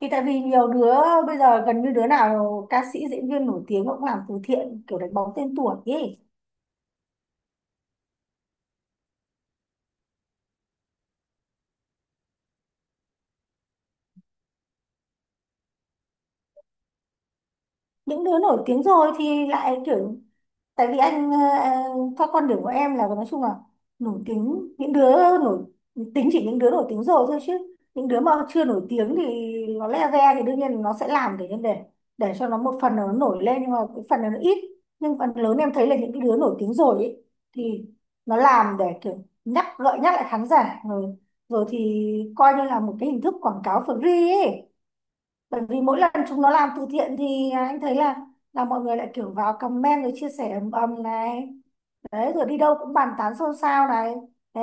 Thì tại vì nhiều đứa bây giờ gần như đứa nào ca sĩ diễn viên nổi tiếng cũng làm từ thiện kiểu đánh bóng tên tuổi ấy. Những đứa nổi tiếng rồi thì lại kiểu tại vì anh, theo con đường của em là nói chung là nổi tiếng những đứa nổi tính chỉ những đứa nổi tiếng rồi thôi, chứ những đứa mà chưa nổi tiếng thì nó le ve thì đương nhiên nó sẽ làm để cho nó, một phần là nó nổi lên nhưng mà cái phần là nó ít. Nhưng phần lớn em thấy là những cái đứa nổi tiếng rồi ấy, thì nó làm để kiểu nhắc gợi nhắc lại khán giả rồi, rồi thì coi như là một cái hình thức quảng cáo free ấy. Bởi vì mỗi lần chúng nó làm từ thiện thì anh thấy là mọi người lại kiểu vào comment rồi chia sẻ ầm ầm này, đấy rồi đi đâu cũng bàn tán xôn xao này, thế.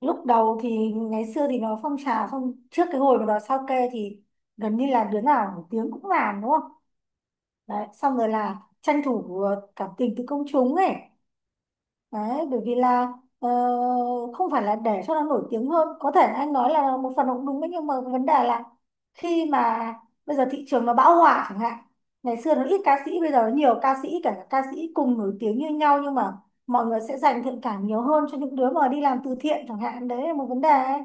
Lúc đầu thì ngày xưa thì nó phong trào, xong trước cái hồi mà nó sao kê thì gần như là đứa nào nổi tiếng cũng làm, đúng không? Đấy, xong rồi là tranh thủ cảm tình từ công chúng ấy. Đấy, bởi vì là ờ, không phải là để cho nó nổi tiếng hơn, có thể anh nói là một phần nó cũng đúng đấy, nhưng mà vấn đề là khi mà bây giờ thị trường nó bão hòa chẳng hạn, ngày xưa nó ít ca sĩ bây giờ nó nhiều ca sĩ, cả ca sĩ cùng nổi tiếng như nhau nhưng mà mọi người sẽ dành thiện cảm nhiều hơn cho những đứa mà đi làm từ thiện chẳng hạn, đấy là một vấn đề ấy.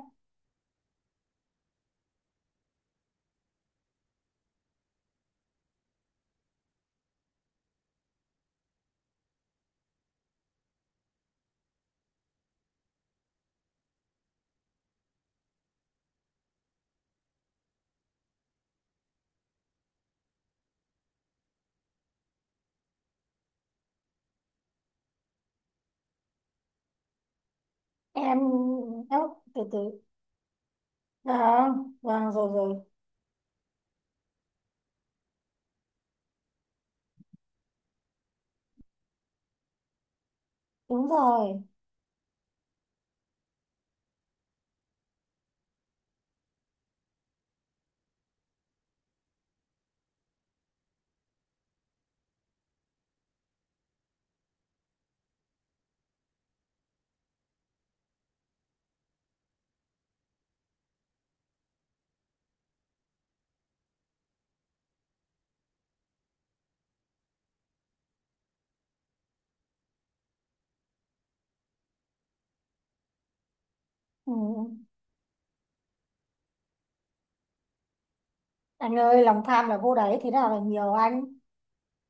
em em từ từ. À, vâng, rồi rồi. Đúng rồi. Ừ. Anh ơi, lòng tham là vô đáy, thế nào là nhiều anh?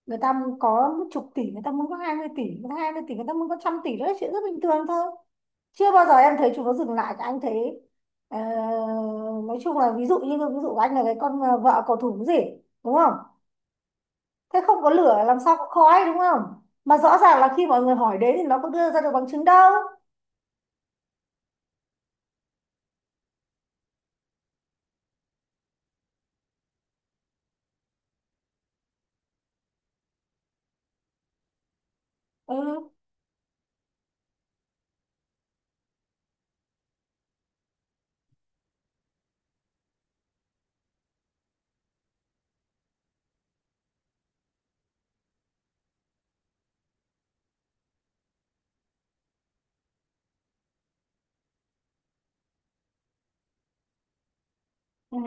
Người ta muốn có một chục tỷ, người ta muốn có 20 tỷ, người ta 20 tỷ người ta muốn có trăm tỷ, đó là chuyện rất bình thường thôi. Chưa bao giờ em thấy chúng nó dừng lại cả, anh thấy ờ, nói chung là ví dụ như ví dụ anh là cái con, vợ cầu thủ cái gì, đúng không? Thế không có lửa làm sao có khói, đúng không? Mà rõ ràng là khi mọi người hỏi đến thì nó có đưa ra được bằng chứng đâu. Ừ. Ừ.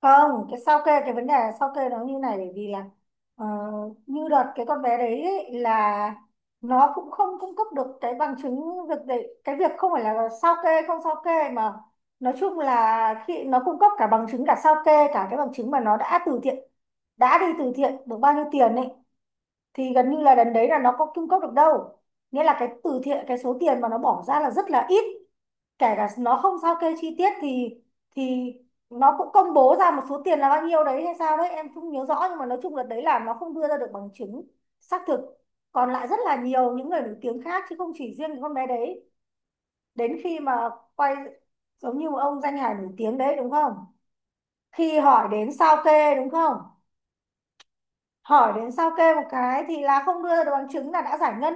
Không, cái sao kê, cái vấn đề sao kê nó như này, bởi vì là ờ, như đợt cái con bé đấy ấy, là nó cũng không cung cấp được cái bằng chứng việc đấy, cái việc không phải là sao kê không sao kê mà nói chung là khi nó cung cấp cả bằng chứng, cả sao kê, cả cái bằng chứng mà nó đã từ thiện, đã đi từ thiện được bao nhiêu tiền ấy, thì gần như là lần đấy là nó có cung cấp được đâu. Nghĩa là cái từ thiện, cái số tiền mà nó bỏ ra là rất là ít. Kể cả nó không sao kê chi tiết thì nó cũng công bố ra một số tiền là bao nhiêu đấy hay sao đấy em không nhớ rõ, nhưng mà nói chung là đấy, là nó không đưa ra được bằng chứng xác thực. Còn lại rất là nhiều những người nổi tiếng khác chứ không chỉ riêng cái con bé đấy. Đến khi mà quay, giống như một ông danh hài nổi tiếng đấy, đúng không? Khi hỏi đến sao kê, đúng không? Hỏi đến sao kê một cái thì là không đưa ra được bằng chứng là đã giải ngân,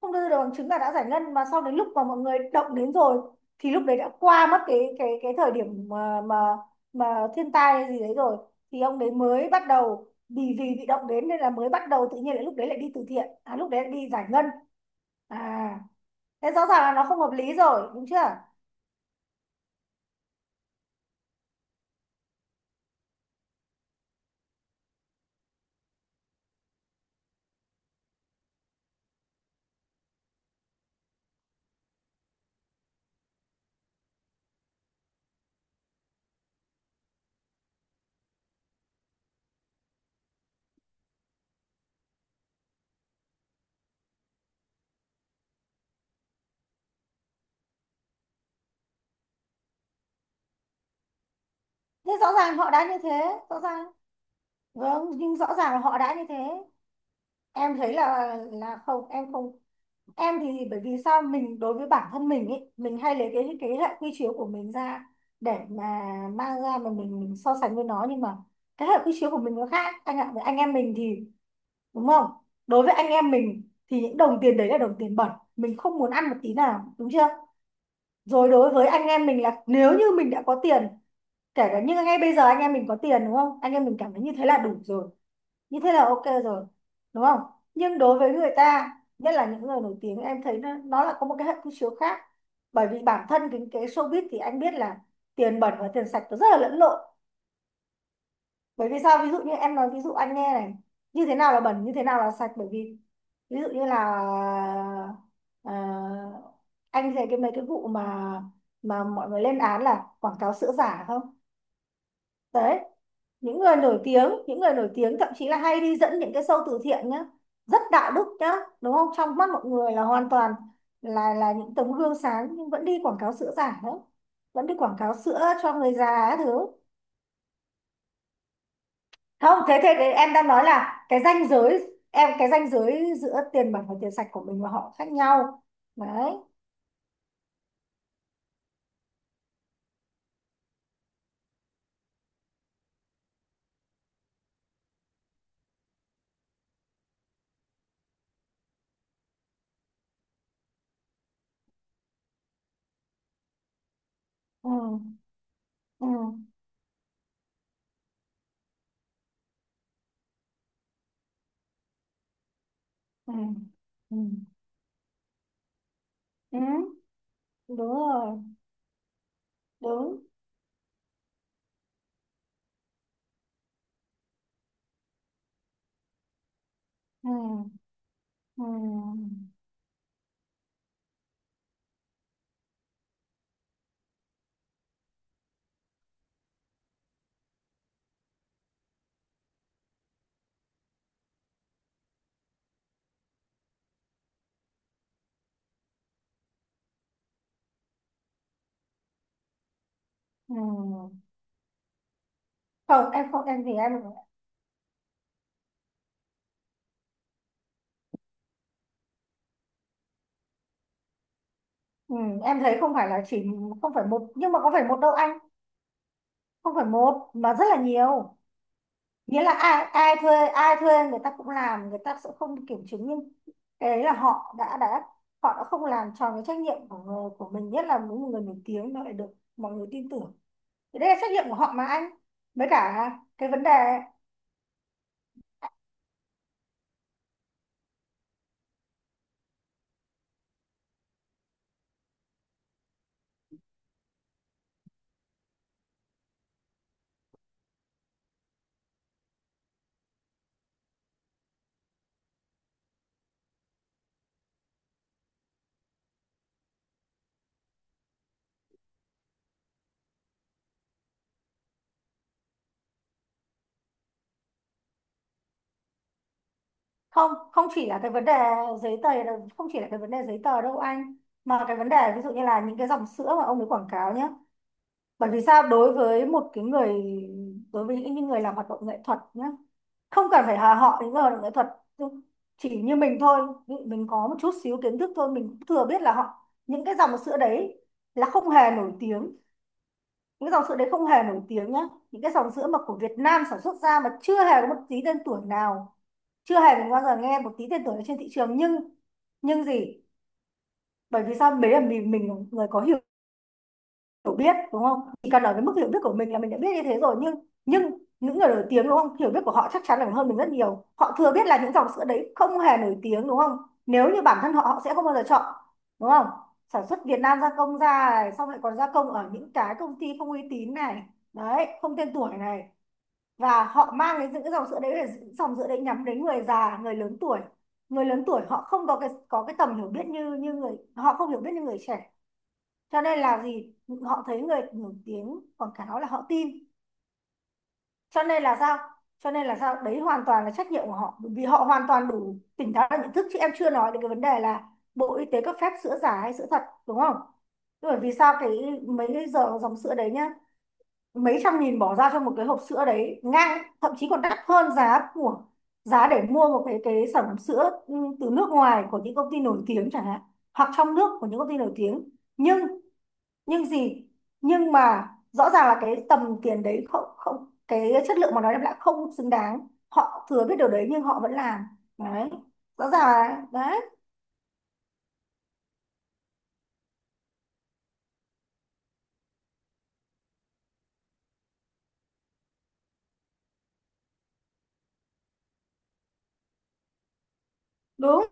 không đưa được bằng chứng là đã giải ngân, mà sau đến lúc mà mọi người động đến rồi thì lúc đấy đã qua mất cái thời điểm mà mà thiên tai hay gì đấy rồi, thì ông đấy mới bắt đầu vì vì bị động đến nên là mới bắt đầu tự nhiên lại lúc đấy lại đi từ thiện, à lúc đấy lại đi giải ngân. À, thế rõ ràng là nó không hợp lý rồi, đúng chưa? Thế rõ ràng họ đã như thế, rõ ràng. Vâng, nhưng rõ ràng là họ đã như thế. Em thấy là không, em không, em thì bởi vì sao, mình đối với bản thân mình ý, mình hay lấy cái hệ quy chiếu của mình ra để mà mang ra mà mình so sánh với nó, nhưng mà cái hệ quy chiếu của mình nó khác anh ạ. Với anh em mình thì, đúng không, đối với anh em mình thì những đồng tiền đấy là đồng tiền bẩn, mình không muốn ăn một tí nào, đúng chưa? Rồi, đối với anh em mình là nếu như mình đã có tiền, kể cả như ngay bây giờ anh em mình có tiền, đúng không, anh em mình cảm thấy như thế là đủ rồi, như thế là ok rồi, đúng không? Nhưng đối với người ta, nhất là những người nổi tiếng, em thấy nó là có một cái hệ quy chiếu khác. Bởi vì bản thân cái showbiz thì anh biết là tiền bẩn và tiền sạch nó rất là lẫn lộn. Bởi vì sao, ví dụ như em nói ví dụ anh nghe này, như thế nào là bẩn, như thế nào là sạch, bởi vì ví dụ như là ờ, anh thấy cái mấy cái vụ mà mọi người lên án là quảng cáo sữa giả không? Đấy, những người nổi tiếng thậm chí là hay đi dẫn những cái show từ thiện nhá, rất đạo đức nhá, đúng không, trong mắt mọi người là hoàn toàn là những tấm gương sáng nhưng vẫn đi quảng cáo sữa giả nữa, vẫn đi quảng cáo sữa cho người già các thứ. Không, thế thế thế em đang nói là cái ranh giới, em cái ranh giới giữa tiền bẩn và tiền sạch của mình và họ khác nhau, đấy. Ừ, ừ, ừ, ừ, ừ. Đúng rồi, đúng. Ừ, ừ, ừ. Không, em không, em thì em, ừ, em thấy không phải là chỉ, không phải một, nhưng mà có phải một đâu anh, không phải một mà rất là nhiều. Nghĩa là ai ai thuê, ai thuê người ta cũng làm, người ta sẽ không kiểm chứng, nhưng cái đấy là họ đã họ đã không làm tròn cái trách nhiệm của người, của mình, nhất là những người nổi tiếng nó lại được mọi người tin tưởng, thì đây là trách nhiệm của họ mà anh, với cả cái vấn đề. Không không chỉ là cái vấn đề giấy tờ đâu, không chỉ là cái vấn đề giấy tờ đâu anh, mà cái vấn đề ví dụ như là những cái dòng sữa mà ông ấy quảng cáo nhé. Bởi vì sao, đối với một cái người, đối với những người làm hoạt động nghệ thuật nhá, không cần phải là họ những người hoạt động nghệ thuật, chỉ như mình thôi, ví dụ mình có một chút xíu kiến thức thôi, mình cũng thừa biết là họ những cái dòng sữa đấy là không hề nổi tiếng, những cái dòng sữa đấy không hề nổi tiếng nhá, những cái dòng sữa mà của Việt Nam sản xuất ra mà chưa hề có một tí tên tuổi nào, chưa hề mình bao giờ nghe một tí tên tuổi ở trên thị trường, nhưng gì, bởi vì sao, đấy là mình là người có hiểu hiểu biết, đúng không, chỉ cần ở cái mức hiểu biết của mình là mình đã biết như thế rồi, nhưng những người nổi tiếng, đúng không, hiểu biết của họ chắc chắn là hơn mình rất nhiều, họ thừa biết là những dòng sữa đấy không hề nổi tiếng, đúng không? Nếu như bản thân họ họ sẽ không bao giờ chọn, đúng không, sản xuất Việt Nam gia công ra này, xong lại còn gia công ở những cái công ty không uy tín này, đấy, không tên tuổi này. Và họ mang cái những cái dòng sữa đấy là dòng sữa đấy nhắm đến người già, người lớn tuổi. Người lớn tuổi họ không có cái, có cái tầm hiểu biết như như người, họ không hiểu biết như người trẻ, cho nên là gì, họ thấy người nổi tiếng quảng cáo là họ tin. Cho nên là sao, đấy hoàn toàn là trách nhiệm của họ, bởi vì họ hoàn toàn đủ tỉnh táo và nhận thức, chứ em chưa nói đến cái vấn đề là Bộ Y tế cấp phép sữa giả hay sữa thật, đúng không? Bởi vì sao, cái mấy cái giờ dòng sữa đấy nhá, mấy trăm nghìn bỏ ra cho một cái hộp sữa đấy, ngang thậm chí còn đắt hơn giá của, để mua một cái sản phẩm sữa từ nước ngoài của những công ty nổi tiếng chẳng hạn, hoặc trong nước của những công ty nổi tiếng, nhưng nhưng gì, nhưng mà rõ ràng là cái tầm tiền đấy không, cái chất lượng mà nó đem lại không xứng đáng, họ thừa biết điều đấy nhưng họ vẫn làm, đấy, rõ ràng là đấy, đúng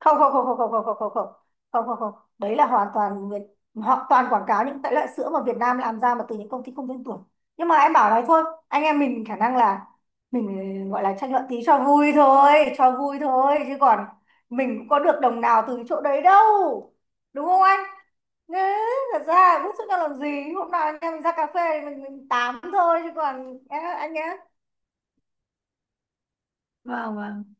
không? Không, không, không, không, không, không, không, không, không, không, không, đấy là hoàn toàn Việt, họ toàn quảng cáo những cái loại sữa mà Việt Nam làm ra mà từ những công ty không tên tuổi. Nhưng mà em bảo này thôi, anh em mình khả năng là mình gọi là tranh luận tí cho vui thôi, cho vui thôi, chứ còn mình cũng có được đồng nào từ chỗ đấy đâu, đúng không anh? Thế, thật ra bức xúc đang làm gì. Hôm nào anh em mình ra cà phê thì mình tám thôi, chứ còn em, anh nhé. Vâng, vâng.